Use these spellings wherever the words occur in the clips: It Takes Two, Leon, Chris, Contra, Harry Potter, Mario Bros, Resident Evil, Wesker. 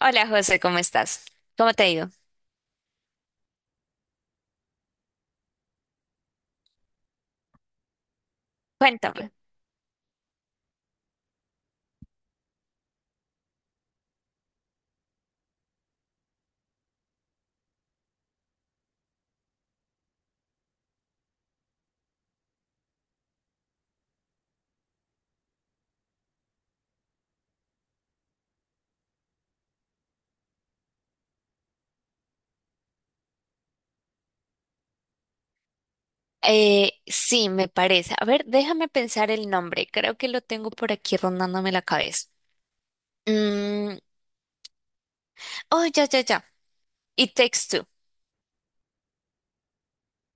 Hola José, ¿cómo estás? ¿Cómo te ha ido? Cuéntame. Sí, me parece. A ver, déjame pensar el nombre. Creo que lo tengo por aquí rondándome la cabeza. Mm, oh, ya, ya, ya. It Takes Two.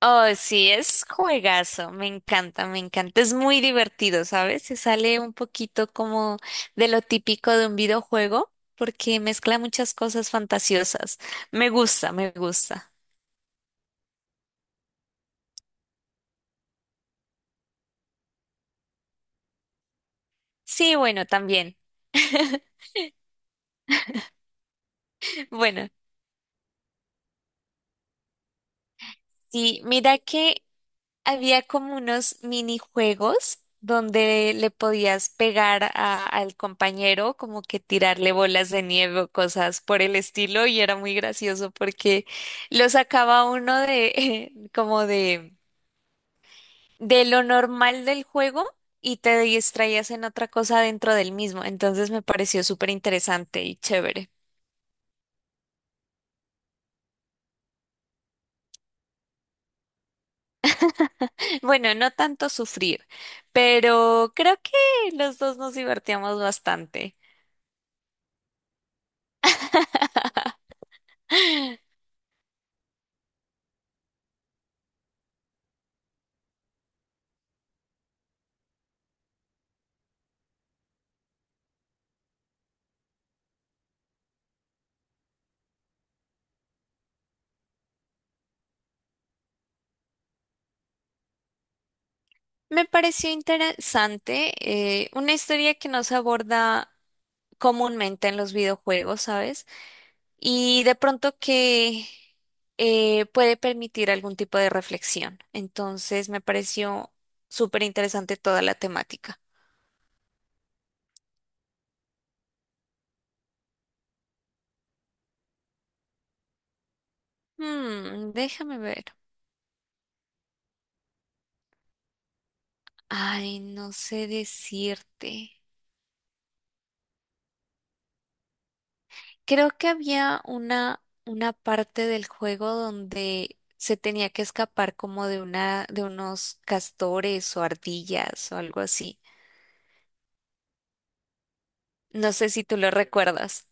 Oh, sí, es juegazo. Me encanta, me encanta. Es muy divertido, ¿sabes? Se sale un poquito como de lo típico de un videojuego porque mezcla muchas cosas fantasiosas. Me gusta, me gusta. Sí, bueno, también. Bueno, sí, mira que había como unos minijuegos donde le podías pegar al compañero, como que tirarle bolas de nieve o cosas por el estilo, y era muy gracioso porque lo sacaba uno de como de lo normal del juego y te distraías en otra cosa dentro del mismo. Entonces me pareció súper interesante y chévere. Bueno, no tanto sufrir, pero creo que los dos nos divertíamos bastante. Me pareció interesante, una historia que no se aborda comúnmente en los videojuegos, ¿sabes? Y de pronto que puede permitir algún tipo de reflexión. Entonces me pareció súper interesante toda la temática. Hmm, déjame ver. Ay, no sé decirte. Creo que había una parte del juego donde se tenía que escapar como de una, de unos castores o ardillas o algo así. No sé si tú lo recuerdas.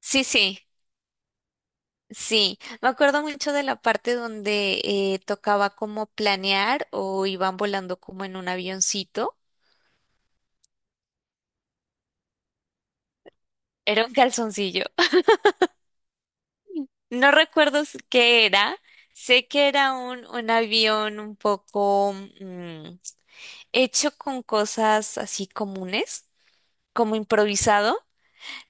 Sí, sí, sí. Me acuerdo mucho de la parte donde tocaba como planear o iban volando como en un avioncito. Era un calzoncillo. No recuerdo s- qué era. Sé que era un avión un poco... mm, hecho con cosas así comunes, como improvisado,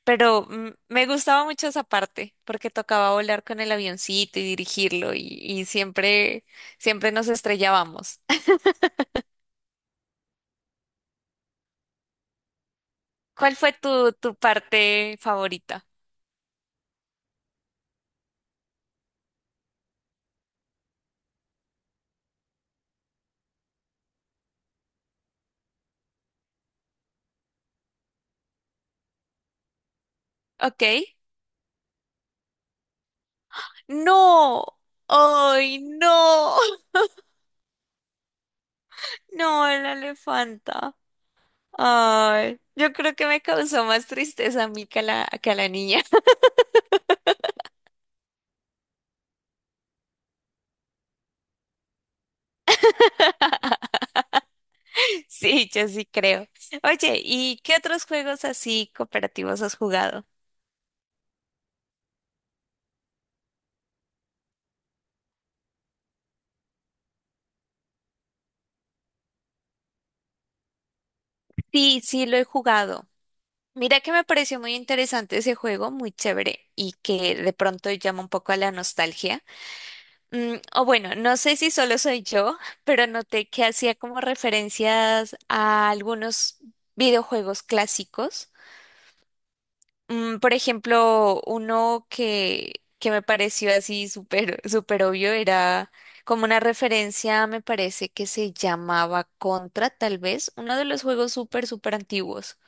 pero me gustaba mucho esa parte porque tocaba volar con el avioncito y dirigirlo y siempre, siempre nos estrellábamos. ¿Cuál fue tu parte favorita? Ok. No. Ay, no. No, la elefanta. Ay, yo creo que me causó más tristeza a mí que a que a la niña. Sí, yo sí creo. Oye, ¿y qué otros juegos así cooperativos has jugado? Sí, sí, lo he jugado. Mira que me pareció muy interesante ese juego, muy chévere y que de pronto llama un poco a la nostalgia. Mm, o bueno, no sé si solo soy yo, pero noté que hacía como referencias a algunos videojuegos clásicos. Mm, por ejemplo, uno que me pareció así súper, súper obvio era como una referencia, me parece que se llamaba Contra, tal vez, uno de los juegos súper, súper antiguos.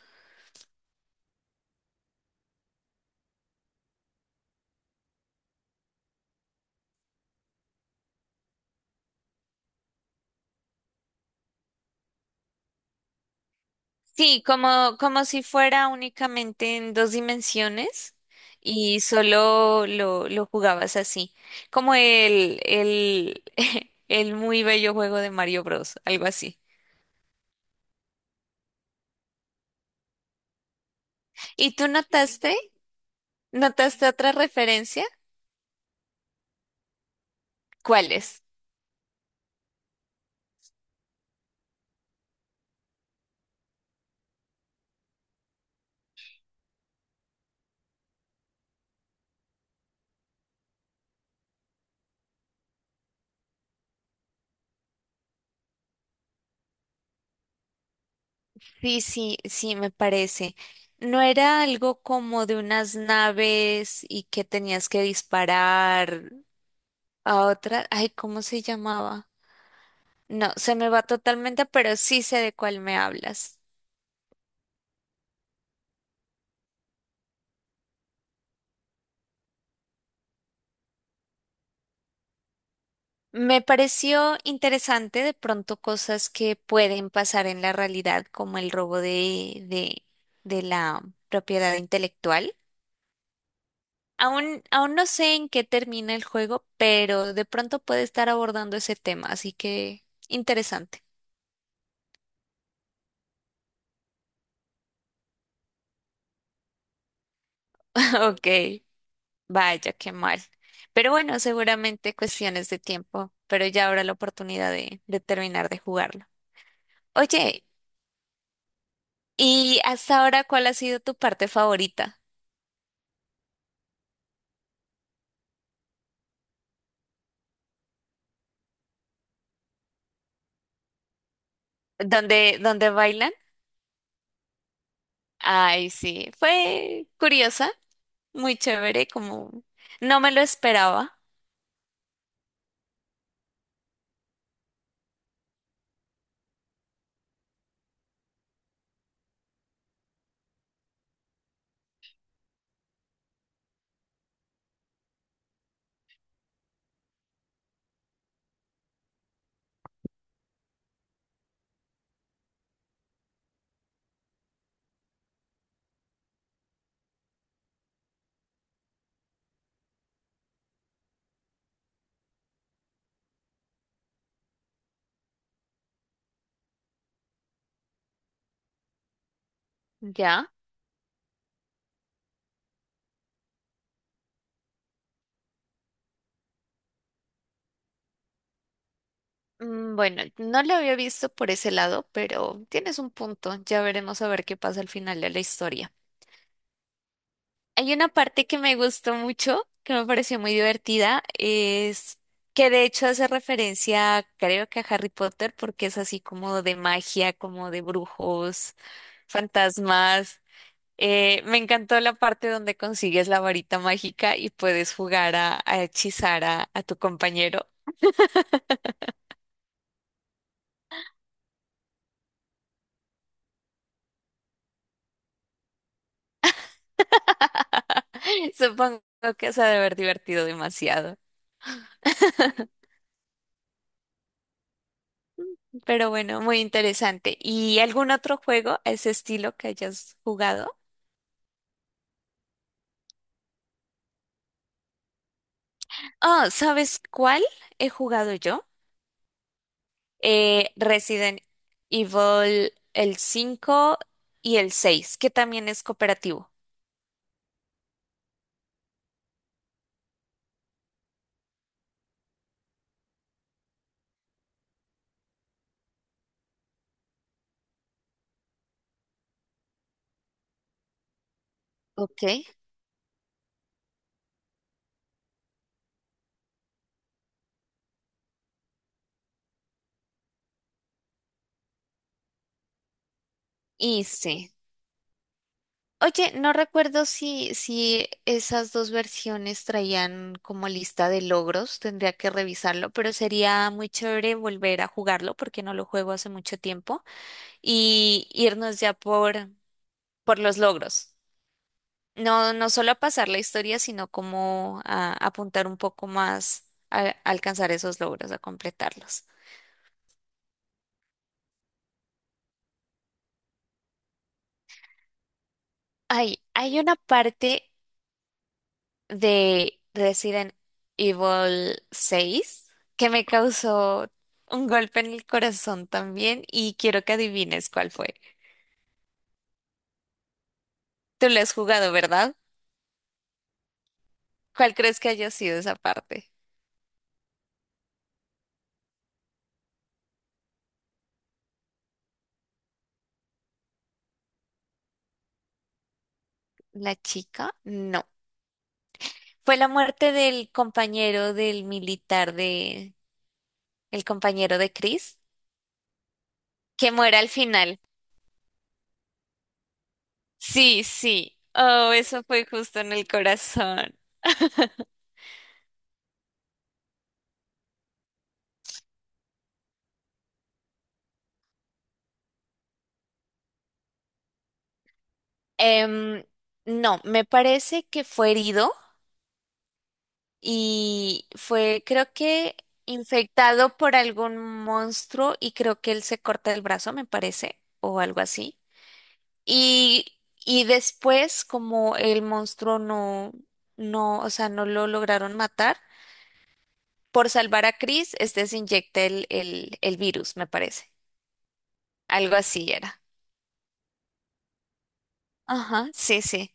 Sí, como, como si fuera únicamente en dos dimensiones y solo lo jugabas así, como el muy bello juego de Mario Bros, algo así. ¿Y tú notaste otra referencia? Cuáles. Sí, sí, sí, me parece. ¿No era algo como de unas naves y que tenías que disparar a otra? Ay, ¿cómo se llamaba? No, se me va totalmente, pero sí sé de cuál me hablas. Me pareció interesante de pronto cosas que pueden pasar en la realidad, como el robo de la propiedad intelectual. Aún no sé en qué termina el juego, pero de pronto puede estar abordando ese tema, así que interesante. Ok, vaya, qué mal. Pero bueno, seguramente cuestiones de tiempo, pero ya habrá la oportunidad de terminar de jugarlo. Oye, ¿y hasta ahora cuál ha sido tu parte favorita? ¿Dónde, dónde bailan? Ay, sí, fue curiosa, muy chévere, como no me lo esperaba. Ya. Mm, bueno, no lo había visto por ese lado, pero tienes un punto. Ya veremos a ver qué pasa al final de la historia. Hay una parte que me gustó mucho, que me pareció muy divertida, es que de hecho hace referencia, creo que a Harry Potter, porque es así como de magia, como de brujos, fantasmas. Me encantó la parte donde consigues la varita mágica y puedes jugar a hechizar a tu compañero. Supongo que se ha de haber divertido demasiado. Pero bueno, muy interesante. ¿Y algún otro juego a ese estilo que hayas jugado? Oh, ¿sabes cuál he jugado yo? Resident Evil el 5 y el 6 que también es cooperativo. Ok. Y sí. Oye, no recuerdo si esas dos versiones traían como lista de logros, tendría que revisarlo, pero sería muy chévere volver a jugarlo porque no lo juego hace mucho tiempo y irnos ya por los logros. No, no solo a pasar la historia, sino como a apuntar un poco más a alcanzar esos logros, a completarlos. Hay una parte de Resident Evil 6 que me causó un golpe en el corazón también y quiero que adivines cuál fue. Tú lo has jugado, ¿verdad? ¿Cuál crees que haya sido esa parte? ¿La chica? No. Fue la muerte del compañero del militar de... El compañero de Chris. Que muera al final. Sí, sí. Oh, eso fue justo en el corazón. Em, no, me parece que fue herido y fue, creo que infectado por algún monstruo y creo que él se corta el brazo, me parece, o algo así. Y, y después, como el monstruo no, no, o sea, no lo lograron matar, por salvar a Chris, este se inyecta el virus, me parece. Algo así era. Ajá, sí, sí.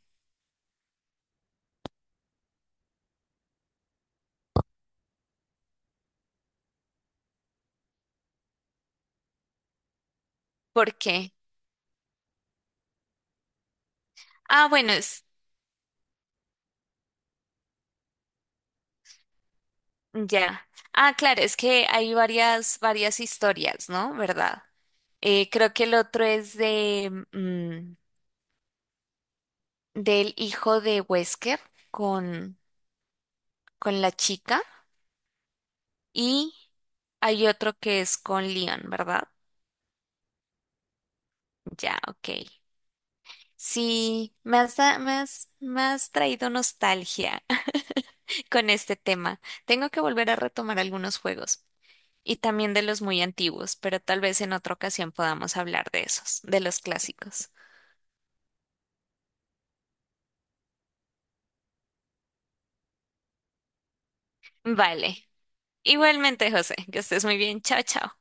¿Por qué? Ah, bueno, es ya. Ah, claro, es que hay varias, varias historias, ¿no? ¿Verdad? Creo que el otro es de del hijo de Wesker con, con la chica y hay otro que es con Leon, ¿verdad? Ya, ok. Sí, me me me has traído nostalgia con este tema. Tengo que volver a retomar algunos juegos. Y también de los muy antiguos, pero tal vez en otra ocasión podamos hablar de esos, de los clásicos. Vale. Igualmente, José, que estés muy bien. Chao, chao.